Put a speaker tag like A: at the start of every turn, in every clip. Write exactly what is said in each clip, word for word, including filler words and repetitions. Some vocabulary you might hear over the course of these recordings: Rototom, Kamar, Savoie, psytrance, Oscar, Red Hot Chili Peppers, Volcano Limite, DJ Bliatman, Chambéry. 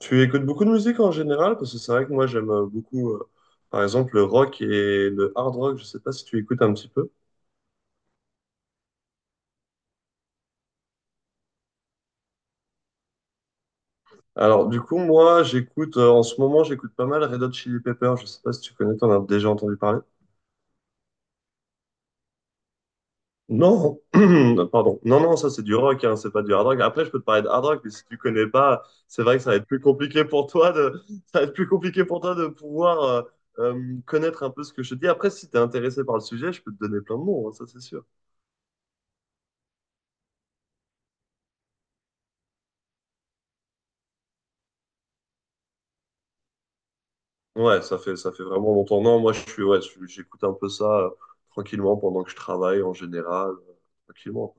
A: Tu écoutes beaucoup de musique en général? Parce que c'est vrai que moi j'aime euh, beaucoup, euh, par exemple, le rock et le hard rock. Je sais pas si tu écoutes un petit peu. Alors, du coup, moi j'écoute, euh, en ce moment, j'écoute pas mal Red Hot Chili Peppers. Je sais pas si tu connais, t'en as déjà entendu parler. Non, pardon. Non, non, ça c'est du rock, hein, c'est pas du hard rock. Après, je peux te parler de hard rock, mais si tu connais pas, c'est vrai que ça va être plus compliqué pour toi de, ça va être plus compliqué pour toi de pouvoir euh, euh, connaître un peu ce que je te dis. Après, si t'es intéressé par le sujet, je peux te donner plein de noms, hein, ça c'est sûr. Ouais, ça fait, ça fait vraiment longtemps. Non, moi, je suis, ouais, je- j'écoute un peu ça euh, tranquillement pendant que je travaille en général. Euh, tranquillement.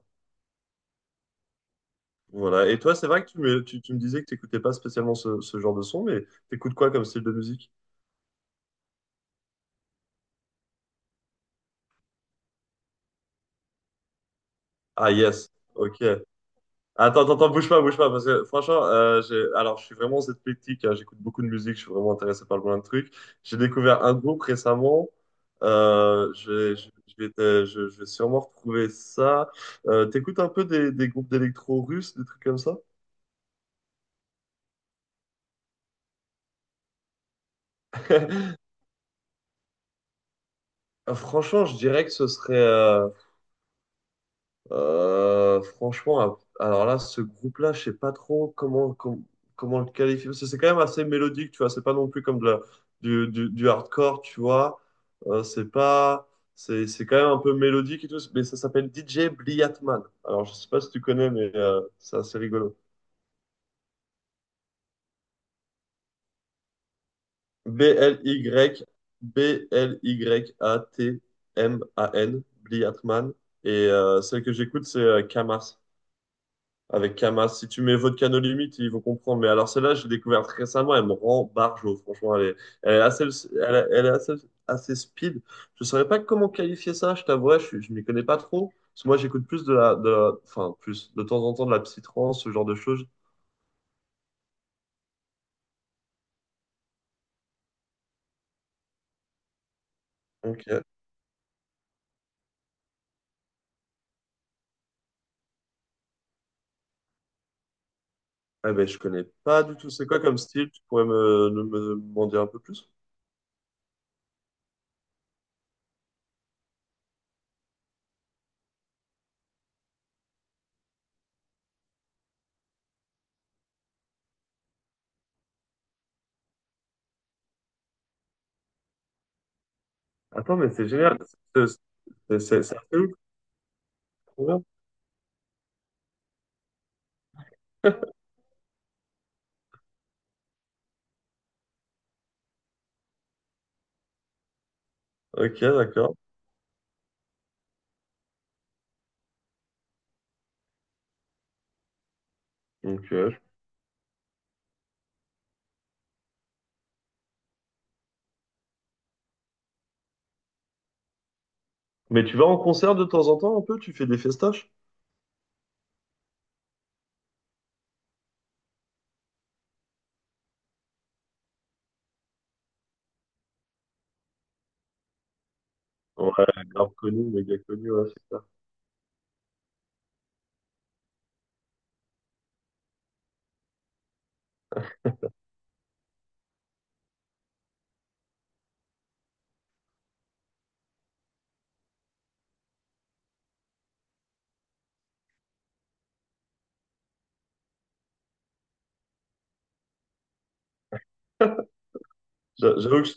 A: Voilà. Et toi, c'est vrai que tu me, tu, tu me disais que tu n'écoutais pas spécialement ce, ce genre de son, mais t'écoutes quoi comme style de musique? Ah, yes. Ok. Attends, attends, attends, bouge pas, bouge pas, parce que franchement, euh, j'ai- alors je suis vraiment athlétique, hein, j'écoute beaucoup de musique, je suis vraiment intéressé par plein de trucs. J'ai découvert un groupe récemment, euh, je, vais- je, je vais te- je- je vais sûrement retrouver ça. Euh, t'écoutes un peu des, des groupes d'électro russes, des trucs comme ça? Franchement, je dirais que ce serait, euh, Euh, franchement, alors là, ce groupe-là, je sais pas trop comment, com- comment le qualifier. Parce que c'est quand même assez mélodique, tu vois. C'est pas non plus comme de la- du, du, du hardcore, tu vois. Euh, c'est pas, c'est, c'est quand même un peu mélodique et tout. Mais ça s'appelle D J Bliatman. Alors, je sais pas si tu connais, mais euh, c'est assez rigolo. B-L-Y, B-L-Y-A-T-M-A-N, Bliatman. Et euh, celle que j'écoute, c'est euh, Kamar avec Kama. Si tu mets Volcano Limite, ils vont comprendre. Mais alors celle-là, j'ai découvert très récemment, elle me rend barjo, franchement. Elle est, elle est assez, elle est elle est assez, assez speed. Je ne saurais pas comment qualifier ça, je t'avouerais, je ne m'y connais pas trop. Parce que moi, j'écoute plus de la, de la- enfin, plus de temps en temps de la psytrance, ce genre de choses. Donc, euh, eh ben, je connais pas du tout. C'est quoi comme style? Tu pourrais me, me, me m'en dire un peu plus? Attends, mais c'est génial. C'est c'est- c'est- c'est assez ouf. Trop bien. Ok, d'accord. Ok. Mais tu vas en concert de temps en temps un peu? Tu fais des festaches? Ouais, grave connu, méga connu, ouais, c'est ça. J'a- J'avoue que,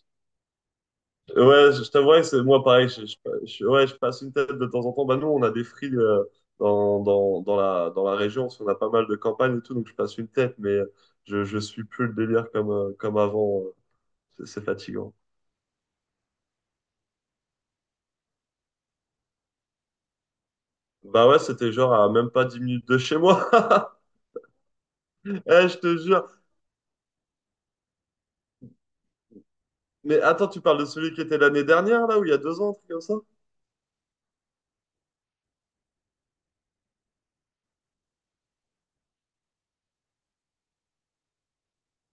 A: je- ouais, je, je t'avouerais que c'est moi pareil. Je, je- je- ouais, je passe une tête de temps en temps. Bah, nous, on a des frilles euh, dans, dans, dans la, dans la région, parce qu'on a pas mal de campagnes et tout, donc je passe une tête, mais je, je suis plus le délire comme, euh, comme avant. euh. C'est c'est fatigant. Bah ouais, c'était genre à même pas dix minutes de chez moi. Eh, je te jure. Mais attends, tu parles de celui qui était l'année dernière, là, ou il y a deux ans, un truc comme ça?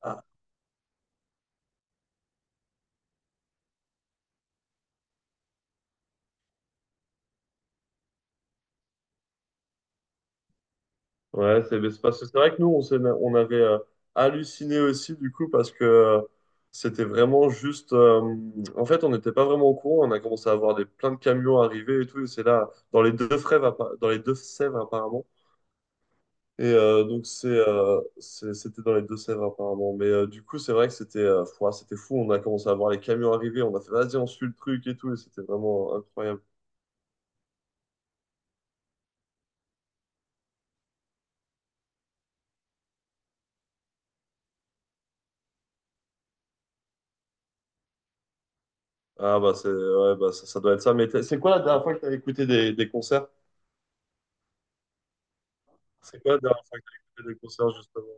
A: Ah, ouais, c'est c'est parce que c'est vrai que nous, on, s'est- on avait euh, halluciné aussi, du coup, parce que euh, c'était vraiment juste. Euh, en fait, on n'était pas vraiment au courant. On a commencé à voir des, plein de camions arriver et tout. Et c'est là, dans les deux Sèvres, appa- dans les deux Sèvres, apparemment. Et euh, donc, c'est, euh, c'est- c'était dans les deux Sèvres, apparemment. Mais euh, du coup, c'est vrai que c'était euh, fou, ah, c'était fou. On a commencé à voir les camions arriver. On a fait, vas-y, on suit le truc et tout. Et c'était vraiment incroyable. Ah, bah, c'est, ouais, bah, ça, ça doit être ça. Mais t'es- c'est quoi la dernière fois que tu as écouté des, des concerts? C'est quoi la dernière fois que tu as écouté des concerts, justement?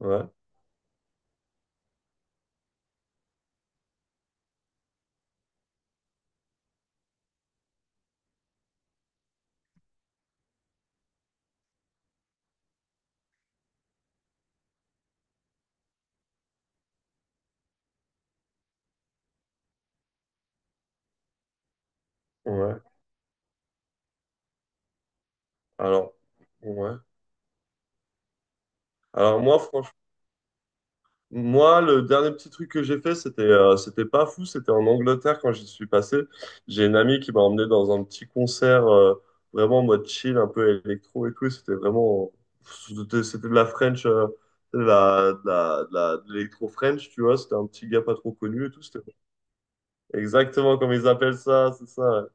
A: Ouais, ouais. Alors, ouais. Alors moi, franchement, moi, le dernier petit truc que j'ai fait, c'était euh, c'était pas fou, c'était en Angleterre quand j'y suis passé. J'ai une amie qui m'a emmené dans un petit concert euh, vraiment en mode chill, un peu électro et tout. Et c'était vraiment, c'était c'était de la French, euh, de la, de la, de la- de l'électro French, tu vois. C'était un petit gars pas trop connu et tout. C'était exactement comme ils appellent ça, c'est ça. Ouais.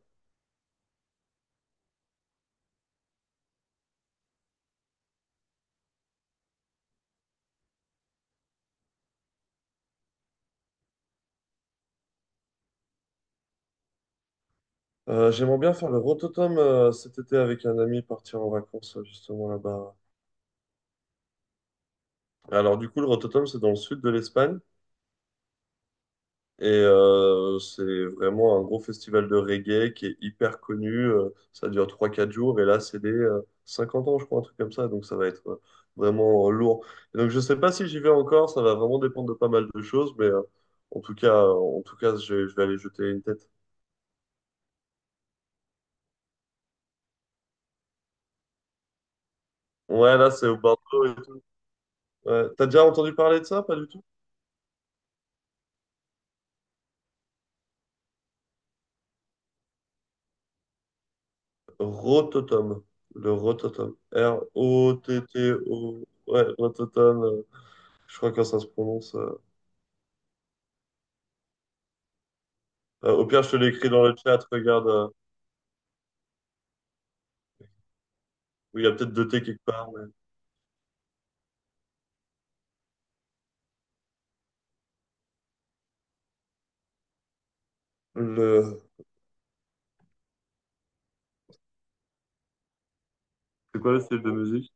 A: Euh, j'aimerais bien faire le Rototom euh, cet été avec un ami, partir en vacances euh, justement là-bas. Alors du coup, le Rototom, c'est dans le sud de l'Espagne et euh, c'est vraiment un gros festival de reggae qui est hyper connu. Euh, ça dure trois quatre jours et là, c'est des euh, cinquante ans, je crois, un truc comme ça. Donc ça va être euh, vraiment euh, lourd. Et donc je sais pas si j'y vais encore, ça va vraiment dépendre de pas mal de choses, mais euh, en tout cas, euh, en tout cas, je, je vais aller jeter une tête. Ouais, là, c'est au Bordeaux et tout. Ouais. T'as déjà entendu parler de ça? Pas du tout? Rototom. Le Rototom. R-O-T-T-O. Ouais, Rototom. Euh, je crois que ça se prononce. euh. Euh, au pire, je te l'écris dans le chat. Regarde. Euh, oui, il y a peut-être deux T quelque part. Mais Le... C'est quoi le style de musique?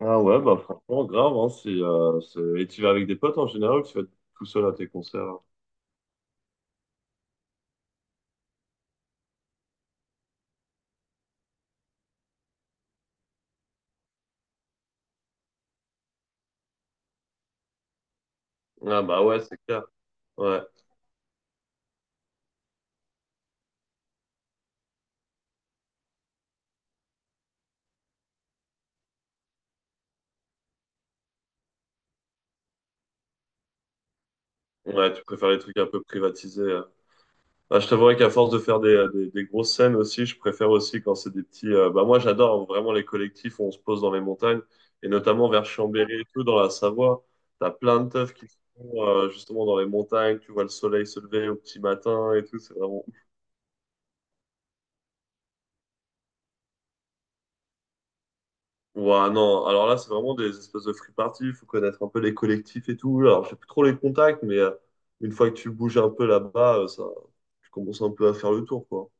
A: Ah ouais, bah franchement, grave, hein. Si euh, c'est- Et tu vas avec des potes en général ou tu vas tout seul à tes concerts? Hein. Ah bah ouais, c'est clair. Ouais. Ouais, tu préfères les trucs un peu privatisés. euh, Bah, je t'avouerais qu'à force de faire des, euh, des, des grosses scènes aussi, je préfère aussi quand c'est des petits. Euh, bah moi, j'adore vraiment les collectifs où on se pose dans les montagnes et notamment vers Chambéry et tout dans la Savoie. T'as plein de teufs qui sont euh, justement dans les montagnes. Tu vois le soleil se lever au petit matin et tout. C'est vraiment. Ouais, non. Alors là, c'est vraiment des espèces de free party. Il faut connaître un peu les collectifs et tout. Alors, j'ai plus trop les contacts, mais euh, une fois que tu bouges un peu là-bas, euh, ça, tu commences un peu à faire le tour, quoi.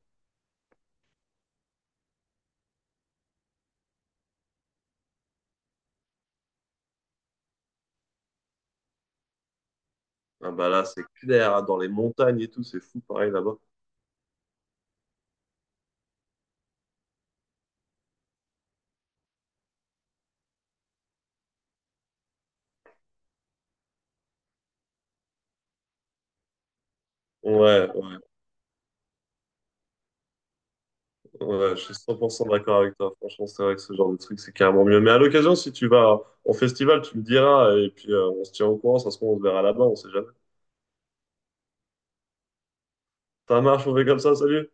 A: Ah bah là, c'est clair, dans les montagnes et tout, c'est fou, pareil là-bas. Ouais, ouais, ouais, je suis cent pour cent d'accord avec toi. Franchement, c'est vrai que ce genre de truc, c'est carrément mieux. Mais à l'occasion, si tu vas en festival, tu me diras et puis euh, on se tient au courant. Ça se trouve, on se verra là-bas, on sait jamais. Ça marche, on fait comme ça, salut!